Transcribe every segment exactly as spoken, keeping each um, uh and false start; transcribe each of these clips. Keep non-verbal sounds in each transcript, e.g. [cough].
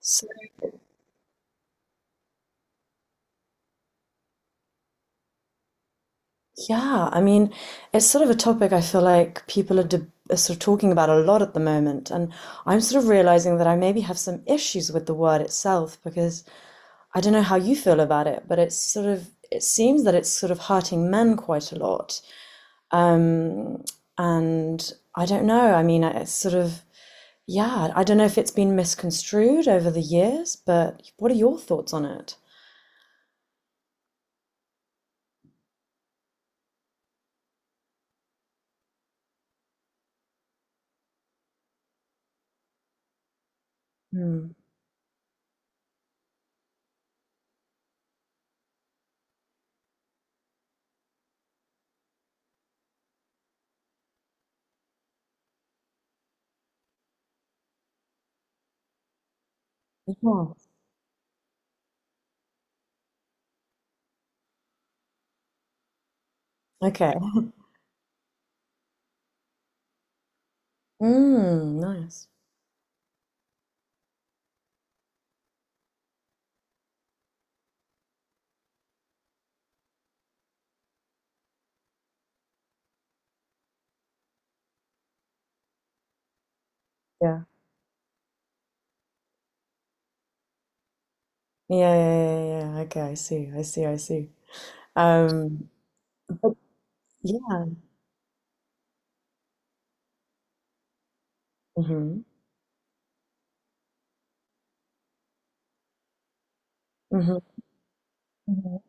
So, yeah, I mean, it's sort of a topic I feel like people are, de are sort of talking about a lot at the moment, and I'm sort of realizing that I maybe have some issues with the word itself because I don't know how you feel about it, but it's sort of it seems that it's sort of hurting men quite a lot. Um, and I don't know. I mean, I- it's sort of yeah, I don't know if it's been misconstrued over the years, but what are your thoughts on it? Hmm. Yeah. Okay. Mm, nice. Yeah. Yeah, yeah, yeah, yeah, yeah, yeah. Okay, I see. I see. I see. Um, but yeah. Mm-hmm. Mm-hmm. Mm-hmm.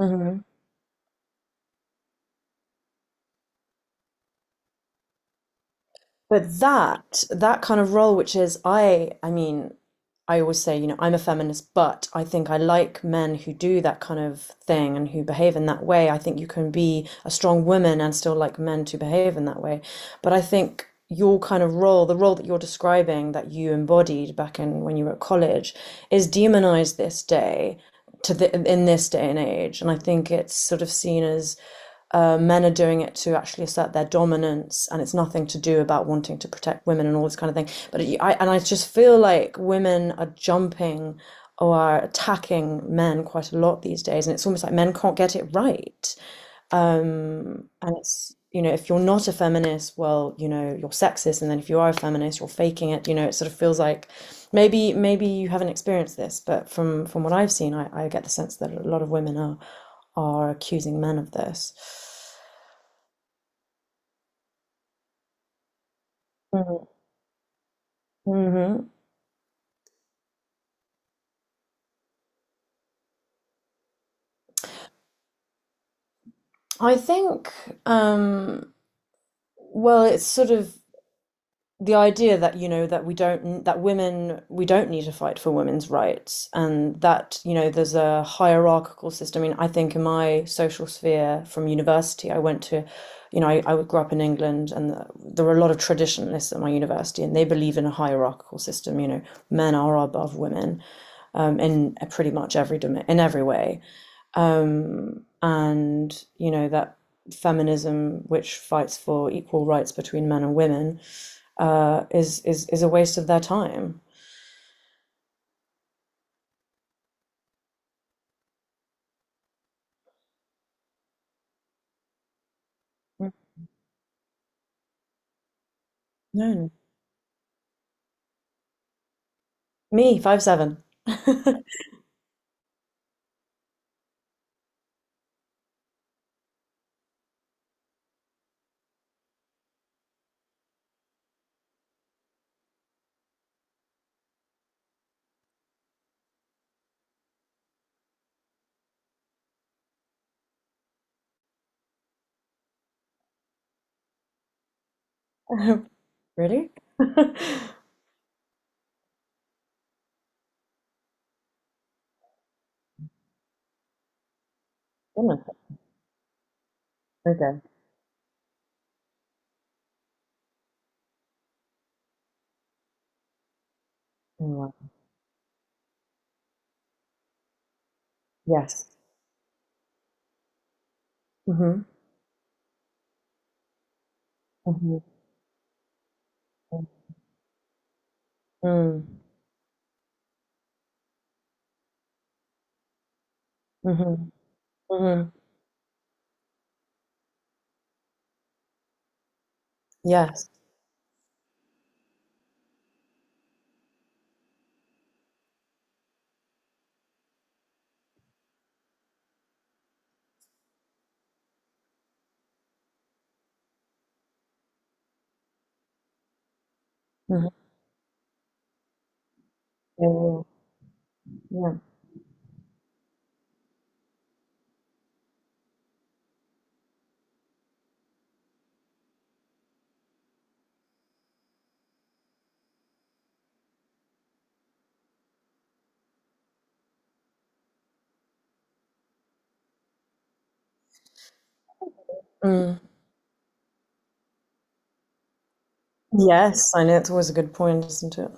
Mm-hmm. But that that kind of role, which is, I, I mean, I always say, you know, I'm a feminist, but I think I like men who do that kind of thing and who behave in that way. I think you can be a strong woman and still like men to behave in that way. But I think your kind of role, the role that you're describing that you embodied back in when you were at college, is demonized this day to the in this day and age. And I think it's sort of seen as, uh, men are doing it to actually assert their dominance, and it's nothing to do about wanting to protect women and all this kind of thing. But it, I and I just feel like women are jumping or are attacking men quite a lot these days, and it's almost like men can't get it right. And, it's you know, if you're not a feminist, well, you know, you're sexist, and then if you are a feminist, you're faking it. You know, it sort of feels like maybe maybe you haven't experienced this, but from from what I've seen, I, I get the sense that a lot of women are are accusing men of this. hmm I think, um, well, it's sort of the idea that, you know, that we don't, that women, we don't need to fight for women's rights, and that, you know, there's a hierarchical system. I mean, I think in my social sphere from university, I went to, you know, I, I grew up in England, and there were a lot of traditionalists at my university, and they believe in a hierarchical system. You know, men are above women, um, in pretty much every in every way, um, and you know that feminism, which fights for equal rights between men and women, uh, is is is a waste of their time. Mm, no, no. Me, five seven. [laughs] Really? [laughs] Okay. Anyway, yes. Hmm. Hmm. Mm. Mm-hmm. Mm-hmm. Yes. Mm-hmm. Yeah, yeah, yeah. Mm. Yes, I know it's always a good point, isn't it?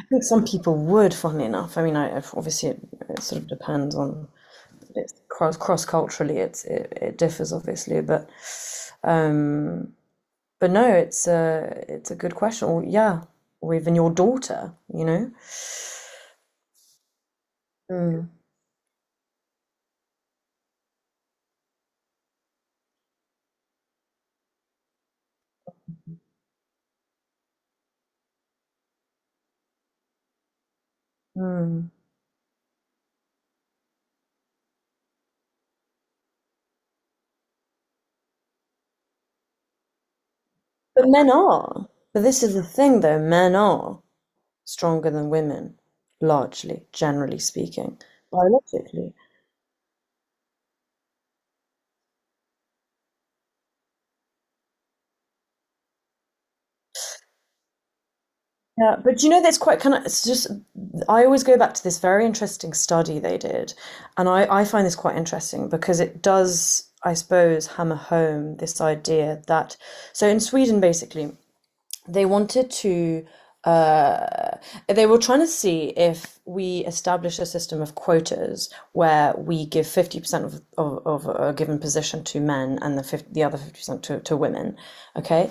I think some people would, funnily enough. I mean, I obviously it, it sort of depends on. It's cross cross culturally, it's it, it differs obviously, but um but no, it's a it's a good question. Or yeah, or even your daughter, you know mm. Mm. but men are but this is the thing, though men are stronger than women, largely, generally speaking, biologically. Yeah, but you know, that's quite kind of, it's just, I always go back to this very interesting study they did. And I, I find this quite interesting because it does, I suppose, hammer home this idea that, so in Sweden, basically, they wanted to they were trying to see if we establish a system of quotas where we give fifty percent of, of, of a given position to men and the, fifty, the other fifty percent to, to women. Okay.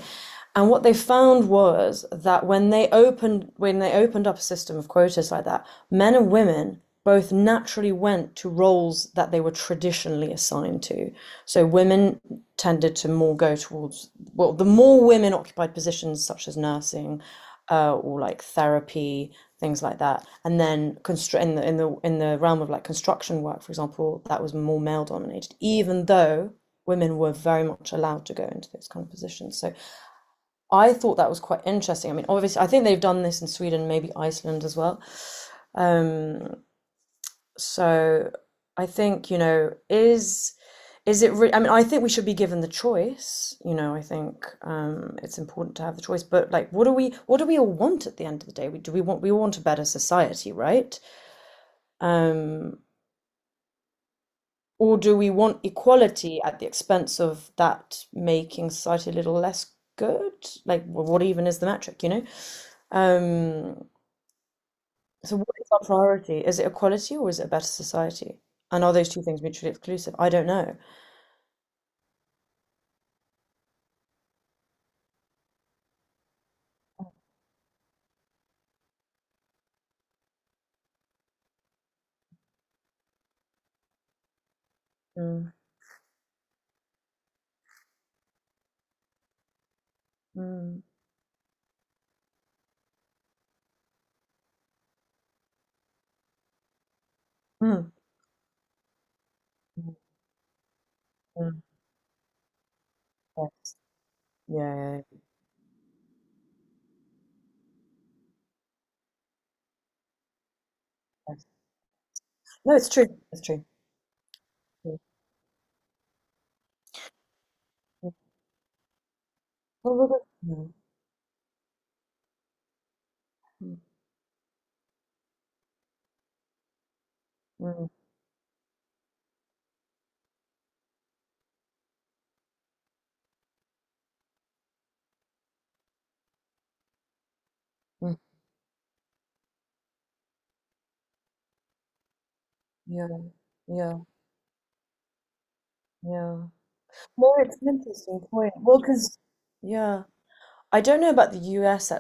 And what they found was that when they opened, when they opened up a system of quotas like that, men and women both naturally went to roles that they were traditionally assigned to. So women tended to more go towards, well, the more women occupied positions such as nursing, uh, or like therapy, things like that. And then constr in the in the in the realm of like construction work, for example, that was more male dominated, even though women were very much allowed to go into those kind of positions. So I thought that was quite interesting. I mean, obviously, I think they've done this in Sweden, maybe Iceland as well. Um, so I think, you know, is is it re I mean, I think we should be given the choice. You know, I think, um, it's important to have the choice. But like, what do we what do we all want at the end of the day? We, do we want we want a better society, right? Um, or do we want equality at the expense of that making society a little less good? Like, wh- what even is the metric, you know? Um, so what is our priority? Is it equality or is it a better society? And are those two things mutually exclusive? I don't know. Mm. Mm. Mm. Mm. Mm. Mm. Yeah. Yeah, yeah, yeah. No, it's true. It's true. Yeah, yeah. Well, well, well. Mm, mm, mm, mm. Yeah. Yeah. Yeah. No, it's an interesting point. Well, because yeah, I don't know about the U S